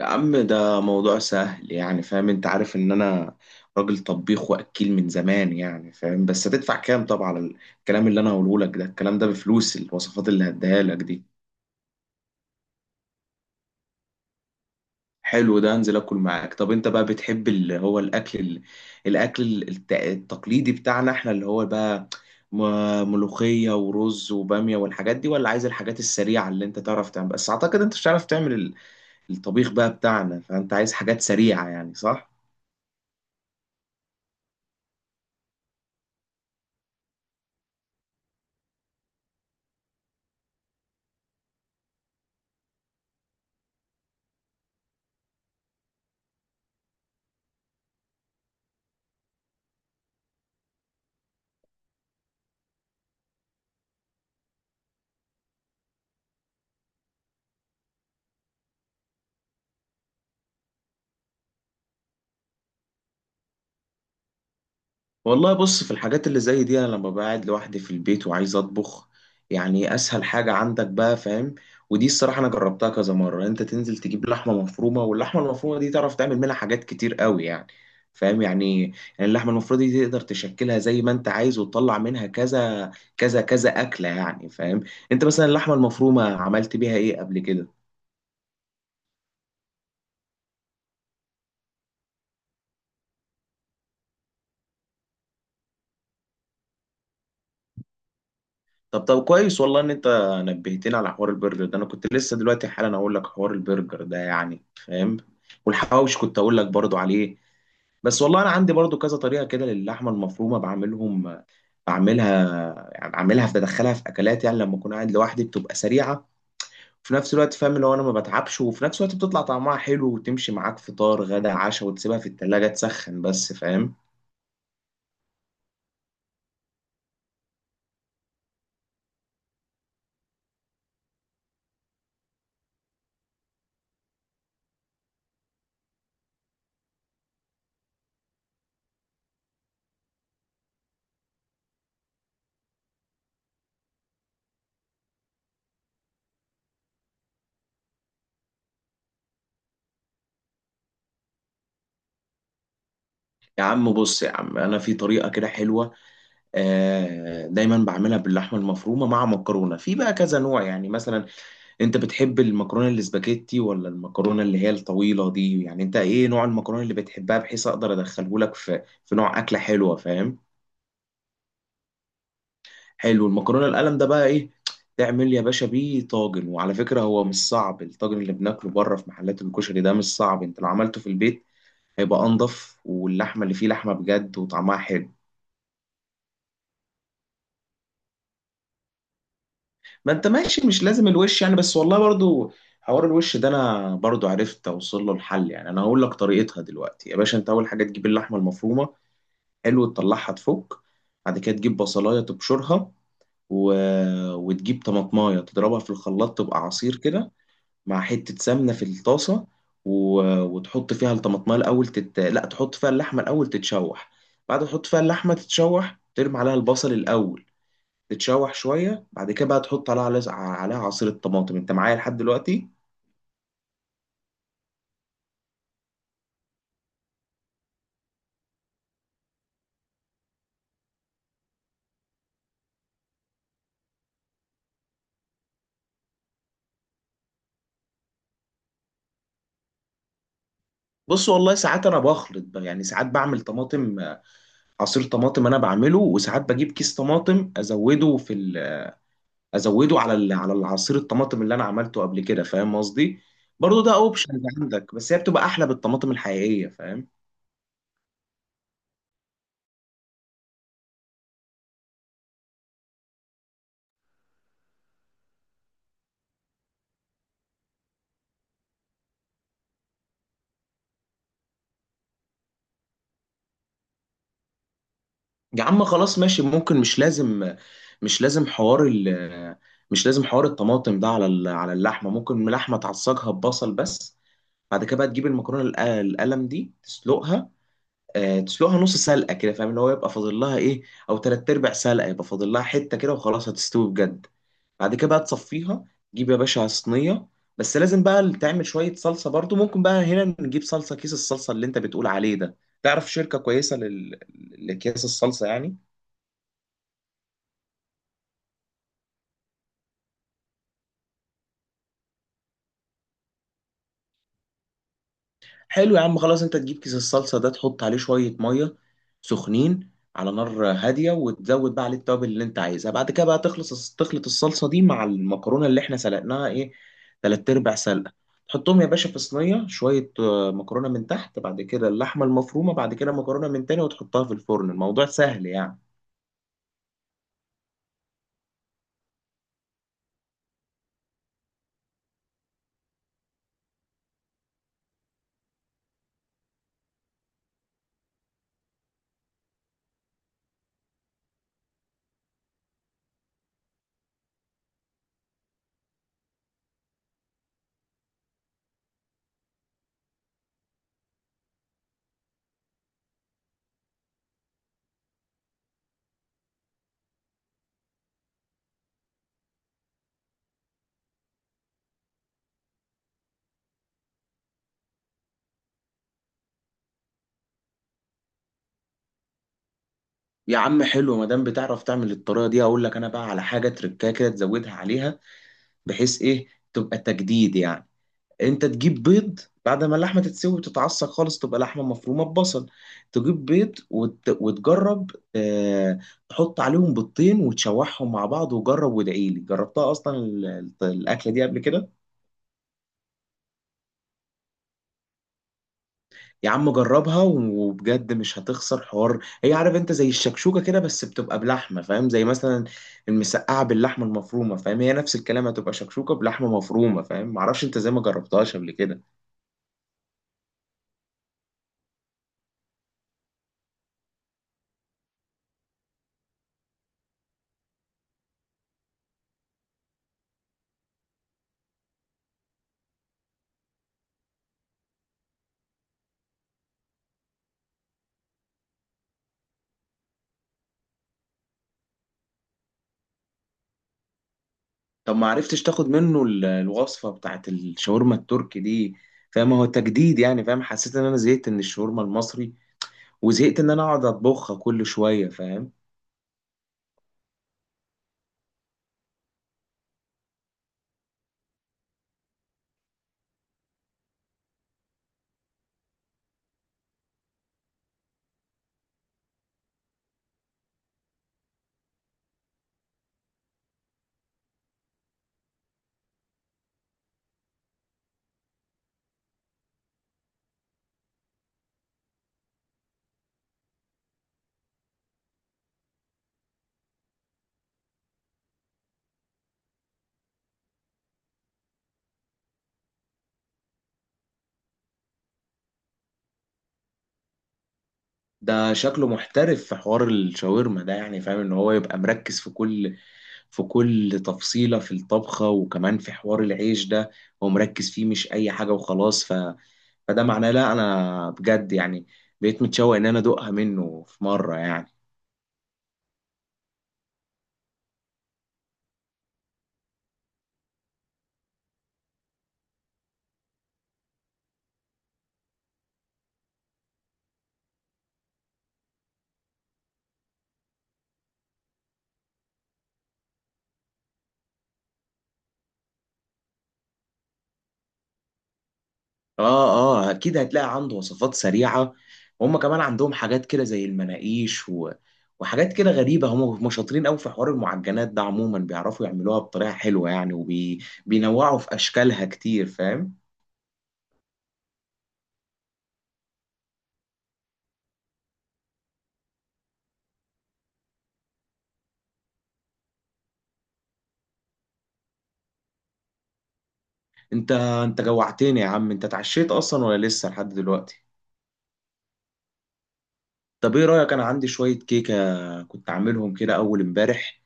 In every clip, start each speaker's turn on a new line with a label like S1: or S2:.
S1: يا عم ده موضوع سهل، يعني فاهم؟ انت عارف ان انا راجل طبيخ واكيل من زمان، يعني فاهم؟ بس هتدفع كام طبعا على الكلام اللي انا هقوله لك ده؟ الكلام ده بفلوس، الوصفات اللي هديها لك دي. حلو ده، انزل اكل معاك. طب انت بقى بتحب اللي هو الاكل التقليدي بتاعنا احنا، اللي هو بقى ملوخية ورز وبامية والحاجات دي، ولا عايز الحاجات السريعة اللي انت تعرف تعمل؟ بس اعتقد انت مش هتعرف تعمل الطبيخ بقى بتاعنا، فانت عايز حاجات سريعة يعني، صح؟ والله بص، في الحاجات اللي زي دي انا لما بقعد لوحدي في البيت وعايز اطبخ، يعني اسهل حاجة عندك بقى فاهم، ودي الصراحة انا جربتها كذا مرة. انت تنزل تجيب لحمة مفرومة، واللحمة المفرومة دي تعرف تعمل منها حاجات كتير قوي يعني، فاهم؟ يعني اللحمة المفرومة دي تقدر تشكلها زي ما انت عايز، وتطلع منها كذا كذا اكلة يعني، فاهم؟ انت مثلا اللحمة المفرومة عملت بيها ايه قبل كده؟ طب كويس، والله ان انت نبهتني على حوار البرجر ده، انا كنت لسه دلوقتي حالا اقول لك حوار البرجر ده يعني فاهم، والحواوش كنت اقول لك برضو عليه. بس والله انا عندي برضو كذا طريقه كده للحمه المفرومه، بعملها يعني، بعملها بدخلها في اكلات، يعني لما اكون قاعد لوحدي بتبقى سريعه وفي نفس الوقت فاهم، لو انا ما بتعبش وفي نفس الوقت بتطلع طعمها حلو، وتمشي معاك فطار غدا عشاء، وتسيبها في التلاجة تسخن بس، فاهم؟ يا عم بص، يا عم انا في طريقه كده حلوه، دايما بعملها باللحمه المفرومه مع مكرونه، في بقى كذا نوع يعني. مثلا انت بتحب المكرونه الاسباجيتي، ولا المكرونه اللي هي الطويله دي؟ يعني انت ايه نوع المكرونه اللي بتحبها، بحيث اقدر ادخله لك في نوع اكله حلوه فاهم؟ حلو، المكرونه القلم ده بقى، ايه تعمل يا باشا بيه؟ طاجن. وعلى فكره هو مش صعب، الطاجن اللي بناكله بره في محلات الكشري ده مش صعب، انت لو عملته في البيت هيبقى انضف، واللحمه اللي فيه لحمه بجد وطعمها حلو. ما انت ماشي، مش لازم الوش يعني. بس والله برضو حوار الوش ده انا برضو عرفت اوصل له الحل، يعني انا هقول لك طريقتها دلوقتي يا باشا. انت اول حاجه تجيب اللحمه المفرومه، حلو، تطلعها تفك. بعد كده تجيب بصلايه تبشرها، و... وتجيب طماطمايه تضربها في الخلاط تبقى عصير كده، مع حته سمنه في الطاسه، و... وتحط فيها الطماطمايه الاول لا، تحط فيها اللحمه الاول تتشوح. بعد ما تحط فيها اللحمه تتشوح، ترمي عليها البصل الاول تتشوح شويه، بعد كده بقى تحط عليها عصير الطماطم. انت معايا لحد دلوقتي؟ بص والله ساعات انا بخلط بقى يعني، ساعات بعمل طماطم، عصير طماطم انا بعمله، وساعات بجيب كيس طماطم ازوده ازوده على العصير الطماطم اللي انا عملته قبل كده، فاهم قصدي؟ برضو ده اوبشن عندك، بس هي بتبقى احلى بالطماطم الحقيقيه فاهم. يا عم خلاص ماشي، ممكن مش لازم، مش لازم حوار ال... مش لازم حوار الطماطم ده على على اللحمه، ممكن اللحمه تعصجها ببصل بس. بعد كده بقى تجيب المكرونه القلم دي تسلقها، تسلقها نص سلقه كده، فاهم ان هو يبقى فاضل لها ايه، او تلات ارباع سلقه، يبقى فاضل لها حته كده وخلاص هتستوي بجد. بعد كده بقى تصفيها، تجيب يا باشا صينيه. بس لازم بقى تعمل شويه صلصه برضو، ممكن بقى هنا نجيب صلصه، كيس الصلصه اللي انت بتقول عليه ده. تعرف شركه كويسه لاكياس الصلصه يعني؟ حلو يا عم خلاص، انت تجيب كيس الصلصه ده، تحط عليه شويه ميه سخنين على نار هاديه، وتزود بقى عليه التوابل اللي انت عايزها. بعد كده بقى تخلص، تخلط الصلصه دي مع المكرونه اللي احنا سلقناها ايه، تلات ارباع سلقه. تحطهم يا باشا في صينيه، شويه مكرونه من تحت، بعد كده اللحمه المفرومه، بعد كده مكرونه من تاني، وتحطها في الفرن. الموضوع سهل يعني. يا عم حلو، ما دام بتعرف تعمل الطريقه دي، اقول لك انا بقى على حاجه تركاكه كده تزودها عليها، بحيث ايه، تبقى تجديد يعني. انت تجيب بيض بعد ما اللحمه تتسوي وتتعصق خالص، تبقى لحمه مفرومه ببصل، تجيب بيض وتجرب، آه... تحط عليهم بيضتين وتشوحهم مع بعض، وجرب وادعي لي، جربتها اصلا الاكله دي قبل كده. يا عم جربها وبجد مش هتخسر حوار، هي عارف انت زي الشكشوكه كده، بس بتبقى بلحمه فاهم، زي مثلا المسقعه باللحمه المفرومه فاهم، هي نفس الكلام، هتبقى شكشوكه بلحمه مفرومه فاهم، معرفش انت زي ما جربتهاش قبل كده. طب ما عرفتش تاخد منه الوصفة بتاعت الشاورما التركي دي؟ فاهم هو تجديد يعني، فاهم حسيت ان انا زهقت من الشاورما المصري، وزهقت ان انا اقعد اطبخها كل شوية فاهم. ده شكله محترف في حوار الشاورما ده، يعني فاهم ان هو يبقى مركز في كل، في كل تفصيلة في الطبخة، وكمان في حوار العيش ده هو مركز فيه، مش اي حاجة وخلاص. فده معناه لا، انا بجد يعني بقيت متشوق ان انا ادوقها منه في مرة يعني. اه اه، اكيد هتلاقي عنده وصفات سريعه، وهم كمان عندهم حاجات كده زي المناقيش وحاجات كده غريبه، هم شاطرين قوي في حوار المعجنات ده عموما، بيعرفوا يعملوها بطريقه حلوه يعني، وبينوعوا في اشكالها كتير فاهم. انت جوعتني يا عم، انت اتعشيت اصلا ولا لسه لحد دلوقتي؟ طب ايه رايك، انا عندي شويه كيكه كنت عاملهم كده اول امبارح،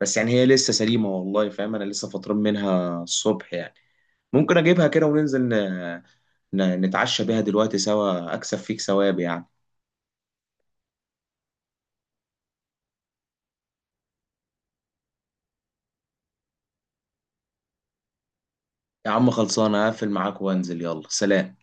S1: بس يعني هي لسه سليمه والله فاهم، انا لسه فطران منها الصبح يعني. ممكن اجيبها كده وننزل نتعشى بيها دلوقتي سوا، اكسب فيك ثواب يعني. يا عم خلصانه، هقفل معاك وانزل، يلا سلام.